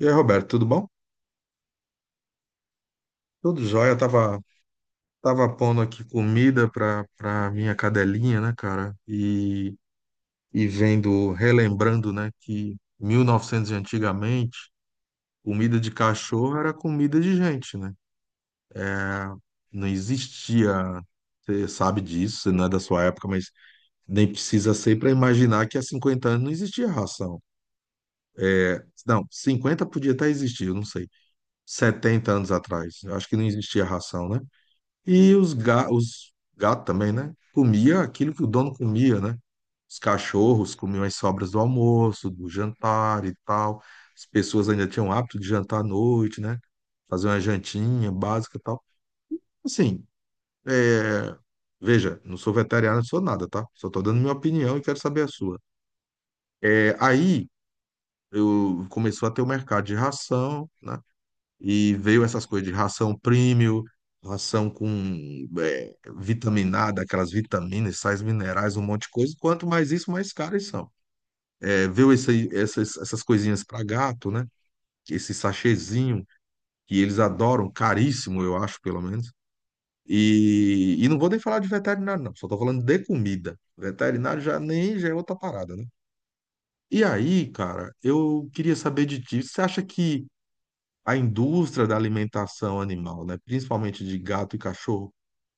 E aí, Roberto, tudo bom? Tudo jóia. Tava pondo aqui comida pra minha cadelinha, né, cara? E vendo, relembrando, né, que mil e novecentos e antigamente, comida de cachorro era comida de gente, né? É, não existia, você sabe disso, você não é da sua época, mas nem precisa ser para imaginar que há 50 anos não existia ração. É, não, 50 podia até existir, eu não sei. 70 anos atrás, eu acho que não existia ração, né? E os gatos também, né? Comia aquilo que o dono comia, né? Os cachorros comiam as sobras do almoço, do jantar e tal. As pessoas ainda tinham o hábito de jantar à noite, né? Fazer uma jantinha básica e tal. Assim, é, veja, não sou veterinário, não sou nada, tá? Só tô dando minha opinião e quero saber a sua. É, aí eu começou a ter o mercado de ração, né? E veio essas coisas de ração premium, ração com vitaminada, aquelas vitaminas, sais minerais, um monte de coisa. Quanto mais isso, mais caras são. É, veio essas coisinhas para gato, né? Esse sachêzinho que eles adoram, caríssimo, eu acho, pelo menos. E não vou nem falar de veterinário, não. Só tô falando de comida. Veterinário já nem já é outra parada, né? E aí, cara, eu queria saber de ti. Você acha que a indústria da alimentação animal, né, principalmente de gato e cachorro,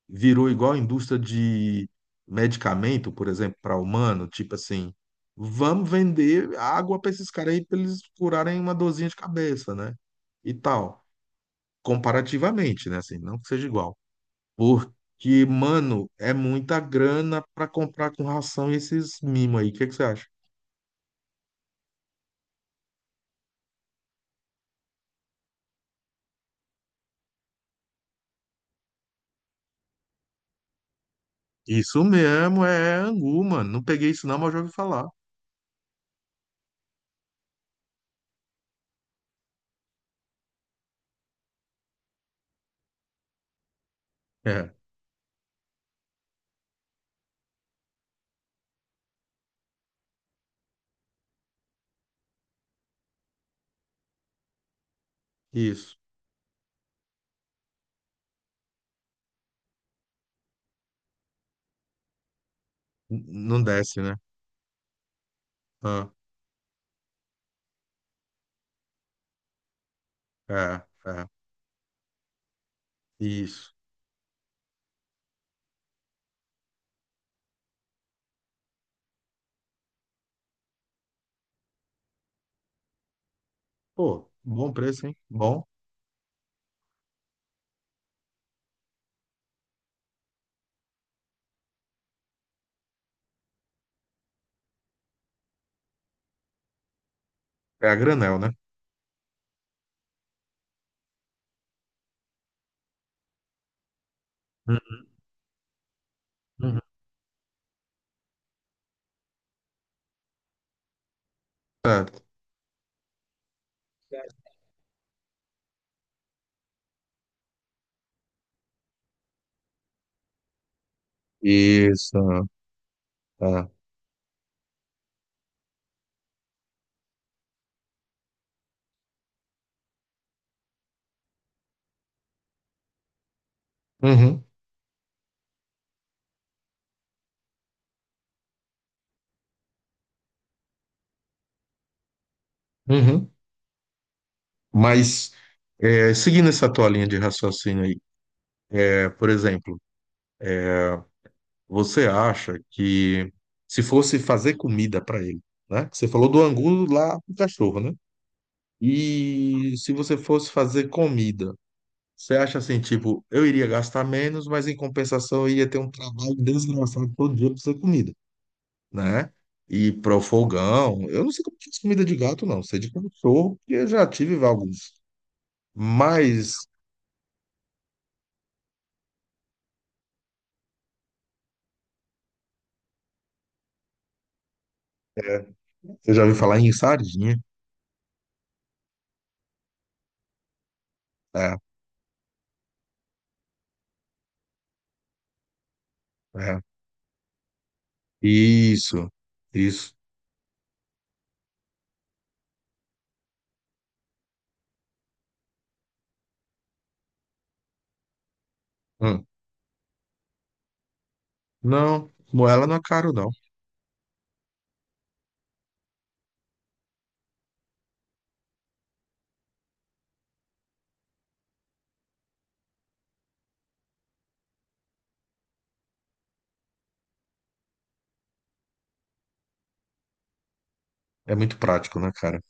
virou igual a indústria de medicamento, por exemplo, para humano, tipo assim, vamos vender água para esses caras aí para eles curarem uma dorzinha de cabeça, né? E tal, comparativamente, né, assim, não que seja igual. Porque, mano, é muita grana para comprar com ração esses mimos aí. O que que você acha? Isso mesmo, é angu, mano. Não peguei isso não, mas já ouvi falar. É, isso. N- não desce, né? Ah, é, é, isso. Pô, bom preço, hein? Bom. É a granel, né? Uhum, uhum. Certo. Isso. Tá. Uhum, uhum. Mas, seguindo essa tua linha de raciocínio aí, por exemplo, você acha que se fosse fazer comida para ele, né? Você falou do angu lá pro cachorro, né? E se você fosse fazer comida, você acha assim, tipo, eu iria gastar menos, mas em compensação eu ia ter um trabalho desgraçado todo dia pra fazer comida, né? E pro fogão, eu não sei como faz comida de gato, não, sei de cachorro, porque eu já tive alguns. Mas é, eu já ouvi falar em sardinha. É, é. Isso, isso. Hum. Não, moela não é caro, não. É muito prático, né, cara?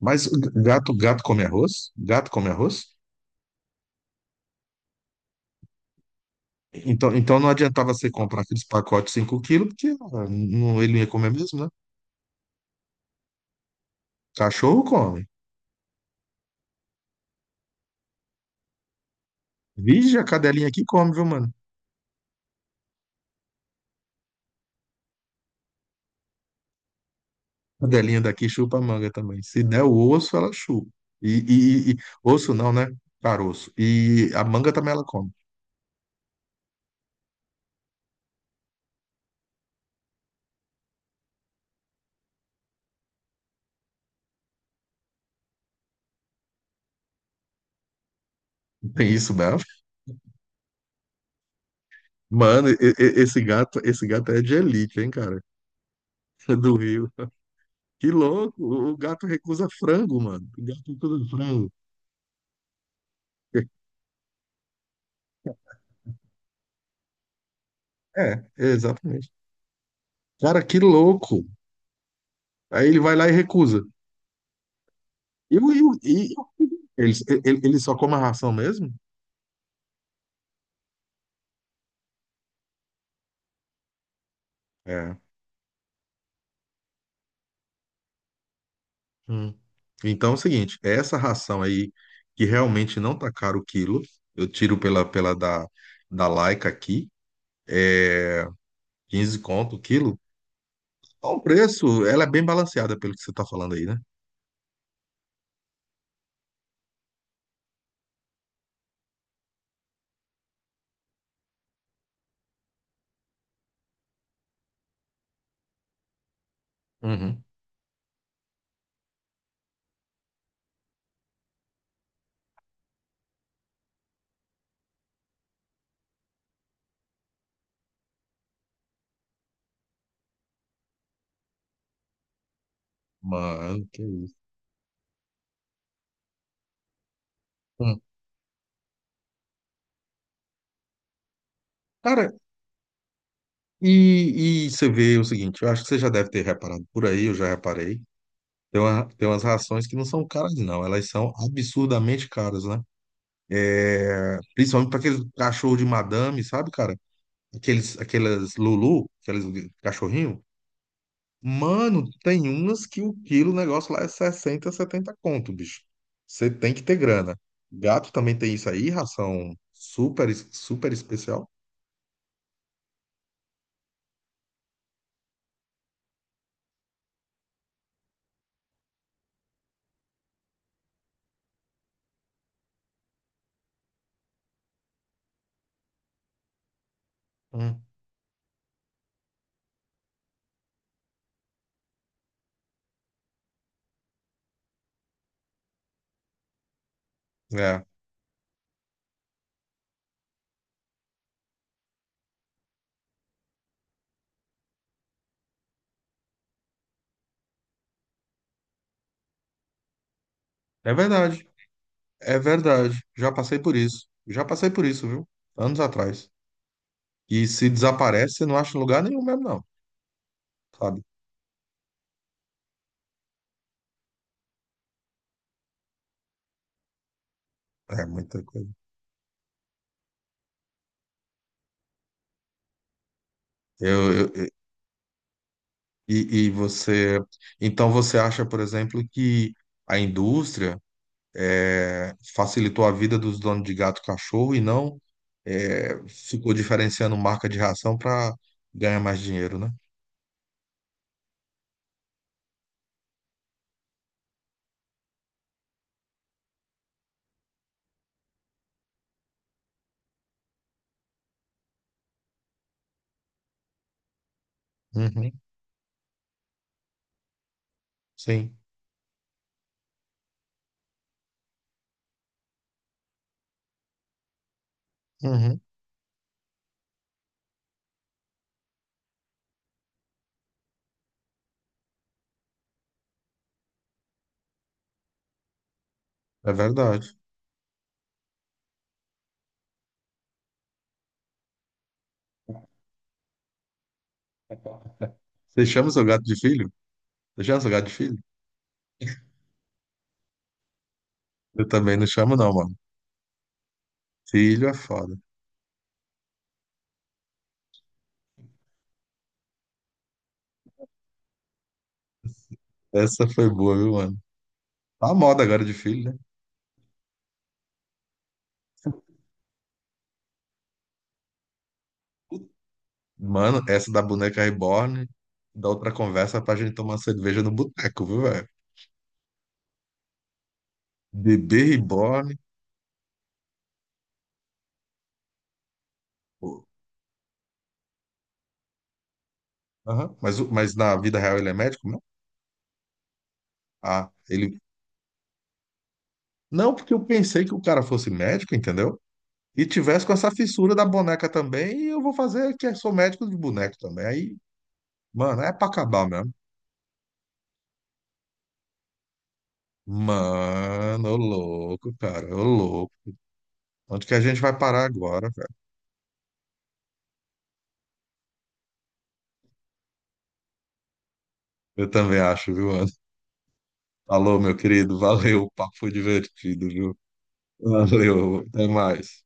Mas gato come arroz? Gato come arroz? Então, então não adiantava você comprar aqueles pacotes de 5 quilos, porque ah, não, ele não ia comer mesmo, né? Cachorro come. Vige, a cadelinha aqui come, viu, mano? A cadelinha daqui chupa a manga também. Se der o osso, ela chupa. E, e- e- e- osso não, né? Caroço. E a manga também ela come. Tem isso mesmo? Mano, esse gato é de elite, hein, cara? Do Rio. Que louco! O gato recusa frango, mano. O gato recusa frango. É, exatamente. Cara, que louco. Aí ele vai lá e recusa. E, o- e, o- e ele só come a ração mesmo? É. Hum. Então é o seguinte, essa ração aí, que realmente não tá caro o quilo, eu tiro pela da Laika aqui, 15 conto o quilo. Ao preço, ela é bem balanceada pelo que você tá falando aí, né? Uhum. Mano, que isso. Hum. Cara, e você vê o seguinte, eu acho que você já deve ter reparado por aí, eu já reparei. Tem umas rações que não são caras, não, elas são absurdamente caras, né? Principalmente para aqueles cachorro de madame, sabe, cara? Aqueles, aquelas Lulu, aqueles cachorrinho. Mano, tem umas que o quilo, o negócio lá é 60, 70 conto, bicho. Você tem que ter grana. Gato também tem isso aí, ração super, super especial. Hum, É, é verdade, é verdade. Já passei por isso. Já passei por isso, viu? Anos atrás. E se desaparece, você não acha em lugar nenhum mesmo, não, sabe? É muita coisa. Eu, e você, então você acha, por exemplo, que a indústria facilitou a vida dos donos de gato e cachorro e não ficou diferenciando marca de ração para ganhar mais dinheiro, né? Uhum, sim, uhum, é verdade. Você chama seu gato de filho? Você chama seu gato de filho? Eu também não chamo, não, mano. Filho é foda. Essa foi boa, viu, mano? Tá a moda agora de filho, né? Mano, essa da boneca reborn, da outra conversa pra gente tomar cerveja no boteco, viu, velho? Bebê reborn. Pô. Aham. Mas, mas na vida real ele é médico, não? Ah, ele. Não, porque eu pensei que o cara fosse médico, entendeu? E tivesse com essa fissura da boneca também, e eu vou fazer que eu sou médico de boneco também. Aí, mano, é pra acabar mesmo. Mano, ô louco, cara, ô louco. Onde que a gente vai parar agora, velho? Eu também acho, viu, Anderson? Falou, meu querido. Valeu, o papo foi divertido, viu? Valeu, até mais.